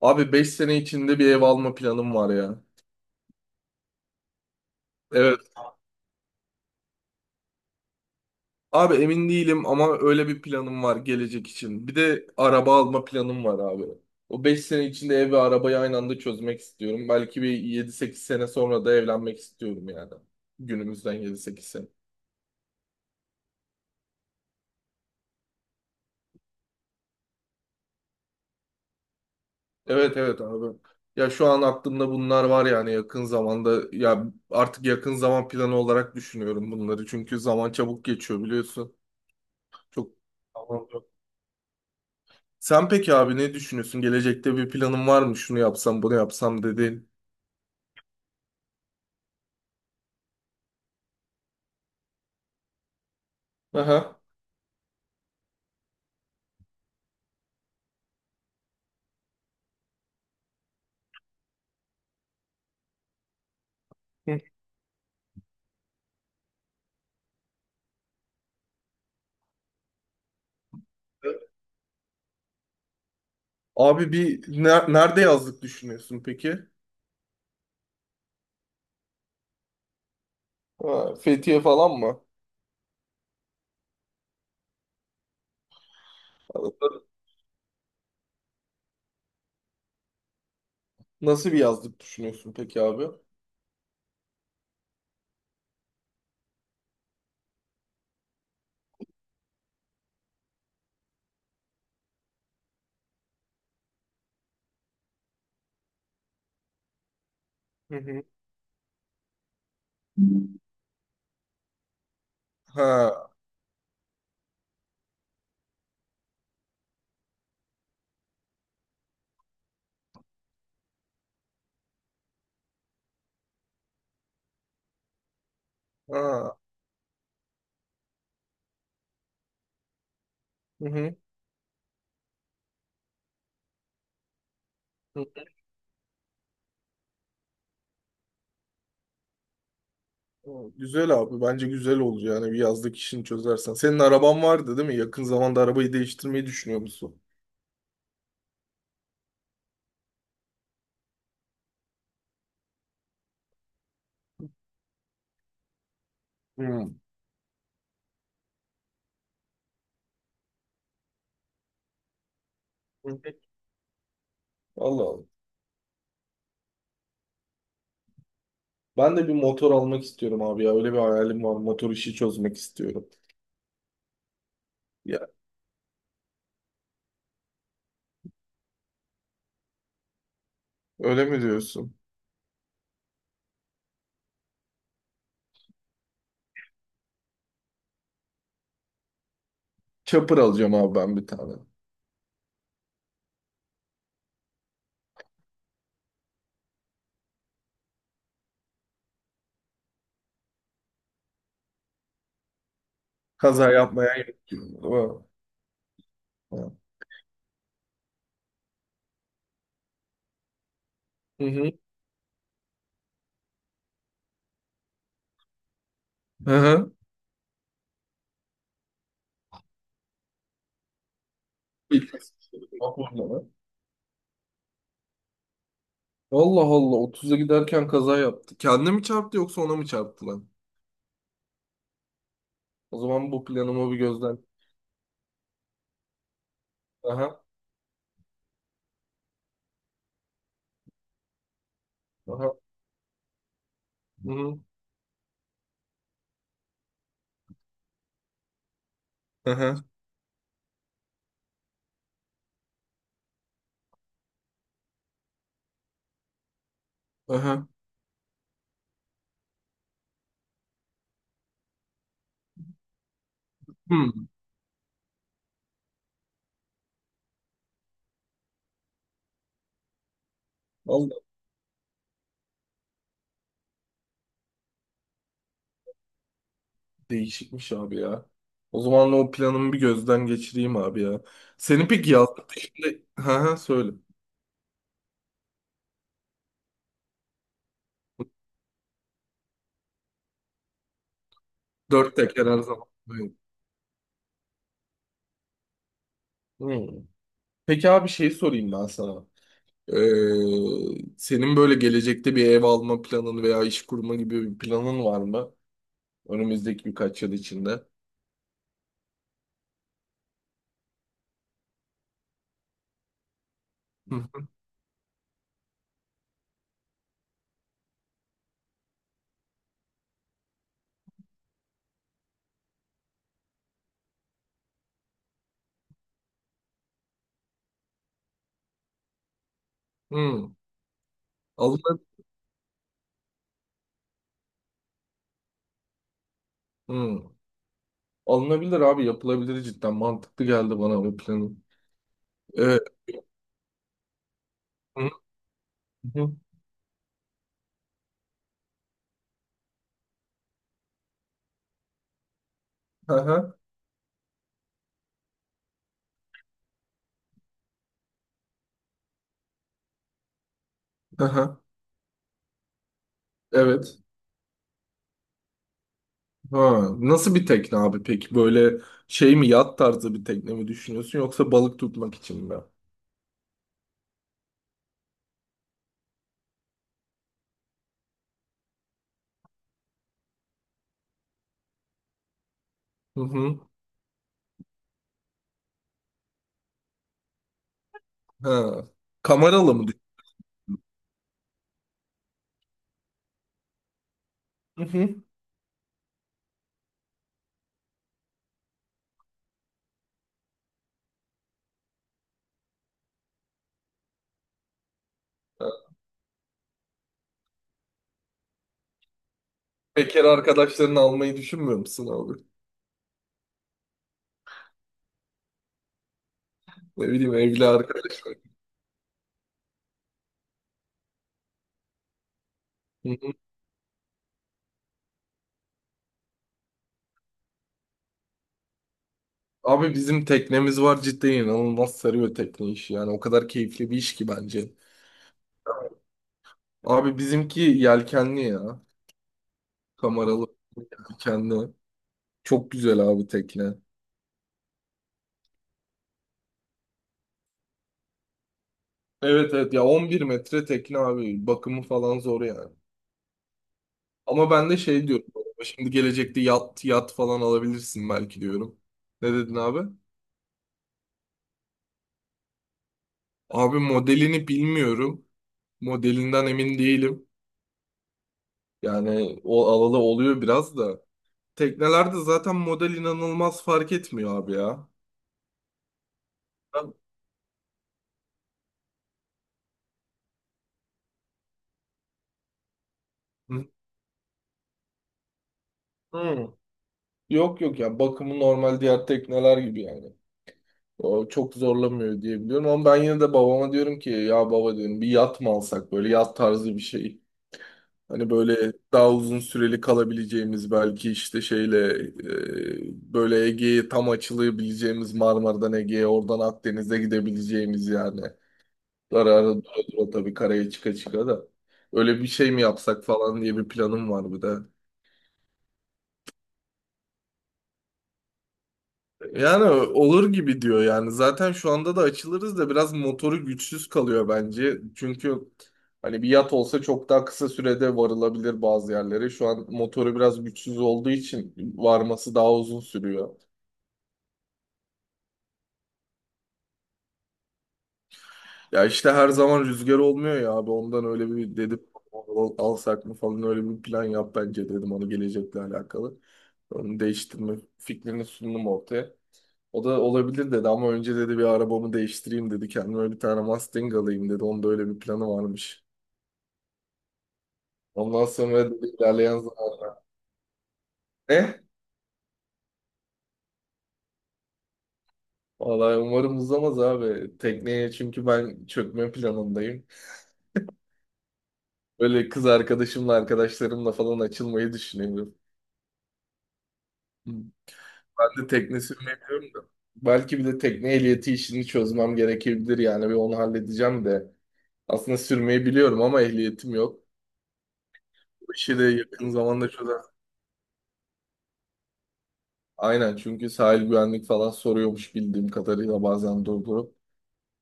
Abi 5 sene içinde bir ev alma planım var ya. Evet. Abi emin değilim ama öyle bir planım var gelecek için. Bir de araba alma planım var abi. O 5 sene içinde ev ve arabayı aynı anda çözmek istiyorum. Belki bir 7-8 sene sonra da evlenmek istiyorum yani. Günümüzden 7-8 sene. Evet, evet abi. Ya şu an aklımda bunlar var yani yakın zamanda. Ya artık yakın zaman planı olarak düşünüyorum bunları. Çünkü zaman çabuk geçiyor biliyorsun. Çok. Sen peki abi ne düşünüyorsun? Gelecekte bir planın var mı? Şunu yapsam, bunu yapsam dediğin. Aha. Hı. Abi bir nerede yazlık düşünüyorsun peki? Ha, Fethiye falan mı? Nasıl bir yazlık düşünüyorsun peki abi? Hı hı. Ha, ha. Hı hı. Hı. Güzel abi. Bence güzel olur yani bir yazlık işini çözersen. Senin araban vardı değil mi? Yakın zamanda arabayı değiştirmeyi düşünüyor musun? Hmm. Allah Allah. Ben de bir motor almak istiyorum abi ya. Öyle bir hayalim var. Motor işi çözmek istiyorum. Ya, öyle mi diyorsun? Chopper alacağım abi ben bir tane. Kaza yapmaya gerek yok. Ha. Hı hı. Hı hı. İlk Bak burada. Allah Allah, 30'a giderken kaza yaptı. Kendine mi çarptı yoksa ona mı çarptı lan? O zaman bu planımı bir gözden. Aha. Aha. Hı hı. Aha. Aha. Hmm. Vallahi değişikmiş abi ya. O zaman o planımı bir gözden geçireyim abi ya. Senin peki yastık şimdi. Hı, söyle. Dört teker her zaman. Hı. Peki abi şey sorayım ben sana. Ee, Senin böyle gelecekte bir ev alma planın veya iş kurma gibi bir planın var mı? Önümüzdeki birkaç yıl içinde. Hı. Hı. Alına- Hı. Alınabilir abi, yapılabilir, cidden mantıklı geldi bana bu planın. Ee, hı. Hı. Hı hı. Hı hı. Evet. Ha. Nasıl bir tekne abi peki? Böyle şey mi, yat tarzı bir tekne mi düşünüyorsun, yoksa balık tutmak için mi? Hı hı. Ha. Kameralı mı? Hı hı. Bekar arkadaşlarını almayı düşünmüyor musun abi? Ne bileyim, evli arkadaşlar. Hı hı. Abi, bizim teknemiz var, cidden inanılmaz sarıyor tekne işi, yani o kadar keyifli bir iş ki bence. Abi bizimki yelkenli ya. Kameralı yelkenli. Çok güzel abi tekne. Evet, evet ya, 11 metre tekne abi, bakımı falan zor yani. Ama ben de şey diyorum, şimdi gelecekte yat yat falan alabilirsin belki diyorum. Ne dedin abi? Abi, modelini bilmiyorum. Modelinden emin değilim. Yani o alalı oluyor biraz da. Teknelerde zaten model inanılmaz fark etmiyor abi ya. Ben- Hı. Hı. Yok, yok ya, bakımı normal diğer tekneler gibi yani. O çok zorlamıyor diye biliyorum, ama ben yine de babama diyorum ki ya, baba diyorum bir yat mı alsak, böyle yat tarzı bir şey. Hani böyle daha uzun süreli kalabileceğimiz, belki işte şeyle böyle Ege'ye tam açılabileceğimiz, Marmara'dan Ege'ye, oradan Akdeniz'e gidebileceğimiz yani. Ara ara dura dura tabii karaya çıka çıka da. Öyle bir şey mi yapsak falan diye bir planım var bir de. Yani olur gibi diyor yani. Zaten şu anda da açılırız da biraz motoru güçsüz kalıyor bence. Çünkü hani bir yat olsa çok daha kısa sürede varılabilir bazı yerlere. Şu an motoru biraz güçsüz olduğu için varması daha uzun sürüyor. Ya işte her zaman rüzgar olmuyor ya abi, ondan öyle bir dedim alsak mı falan, öyle bir plan yap bence dedim onu, gelecekle alakalı. Onu değiştirme fikrini sundum ortaya. O da olabilir dedi, ama önce dedi bir arabamı değiştireyim dedi. Kendime bir tane Mustang alayım dedi. Onda öyle bir planı varmış. Ondan sonra dedi, ilerleyen zaman ne? Vallahi umarım uzamaz abi. Tekneye çünkü ben çökme planındayım. Böyle kız arkadaşımla, arkadaşlarımla falan açılmayı düşünüyorum. Ben de tekne sürmeyemiyorum da. Belki bir de tekne ehliyeti işini çözmem gerekebilir yani, bir onu halledeceğim de. Aslında sürmeyi biliyorum ama ehliyetim yok. Bu işi de yakın zamanda çözer. Aynen, çünkü sahil güvenlik falan soruyormuş bildiğim kadarıyla bazen durdurup.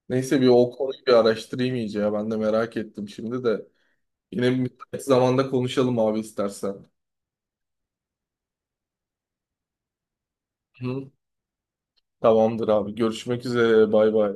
Neyse, bir o konuyu bir araştırayım iyice ya, ben de merak ettim şimdi de. Yine bir müsait zamanda konuşalım abi istersen. Hı. Tamamdır abi, görüşmek üzere, bay bay.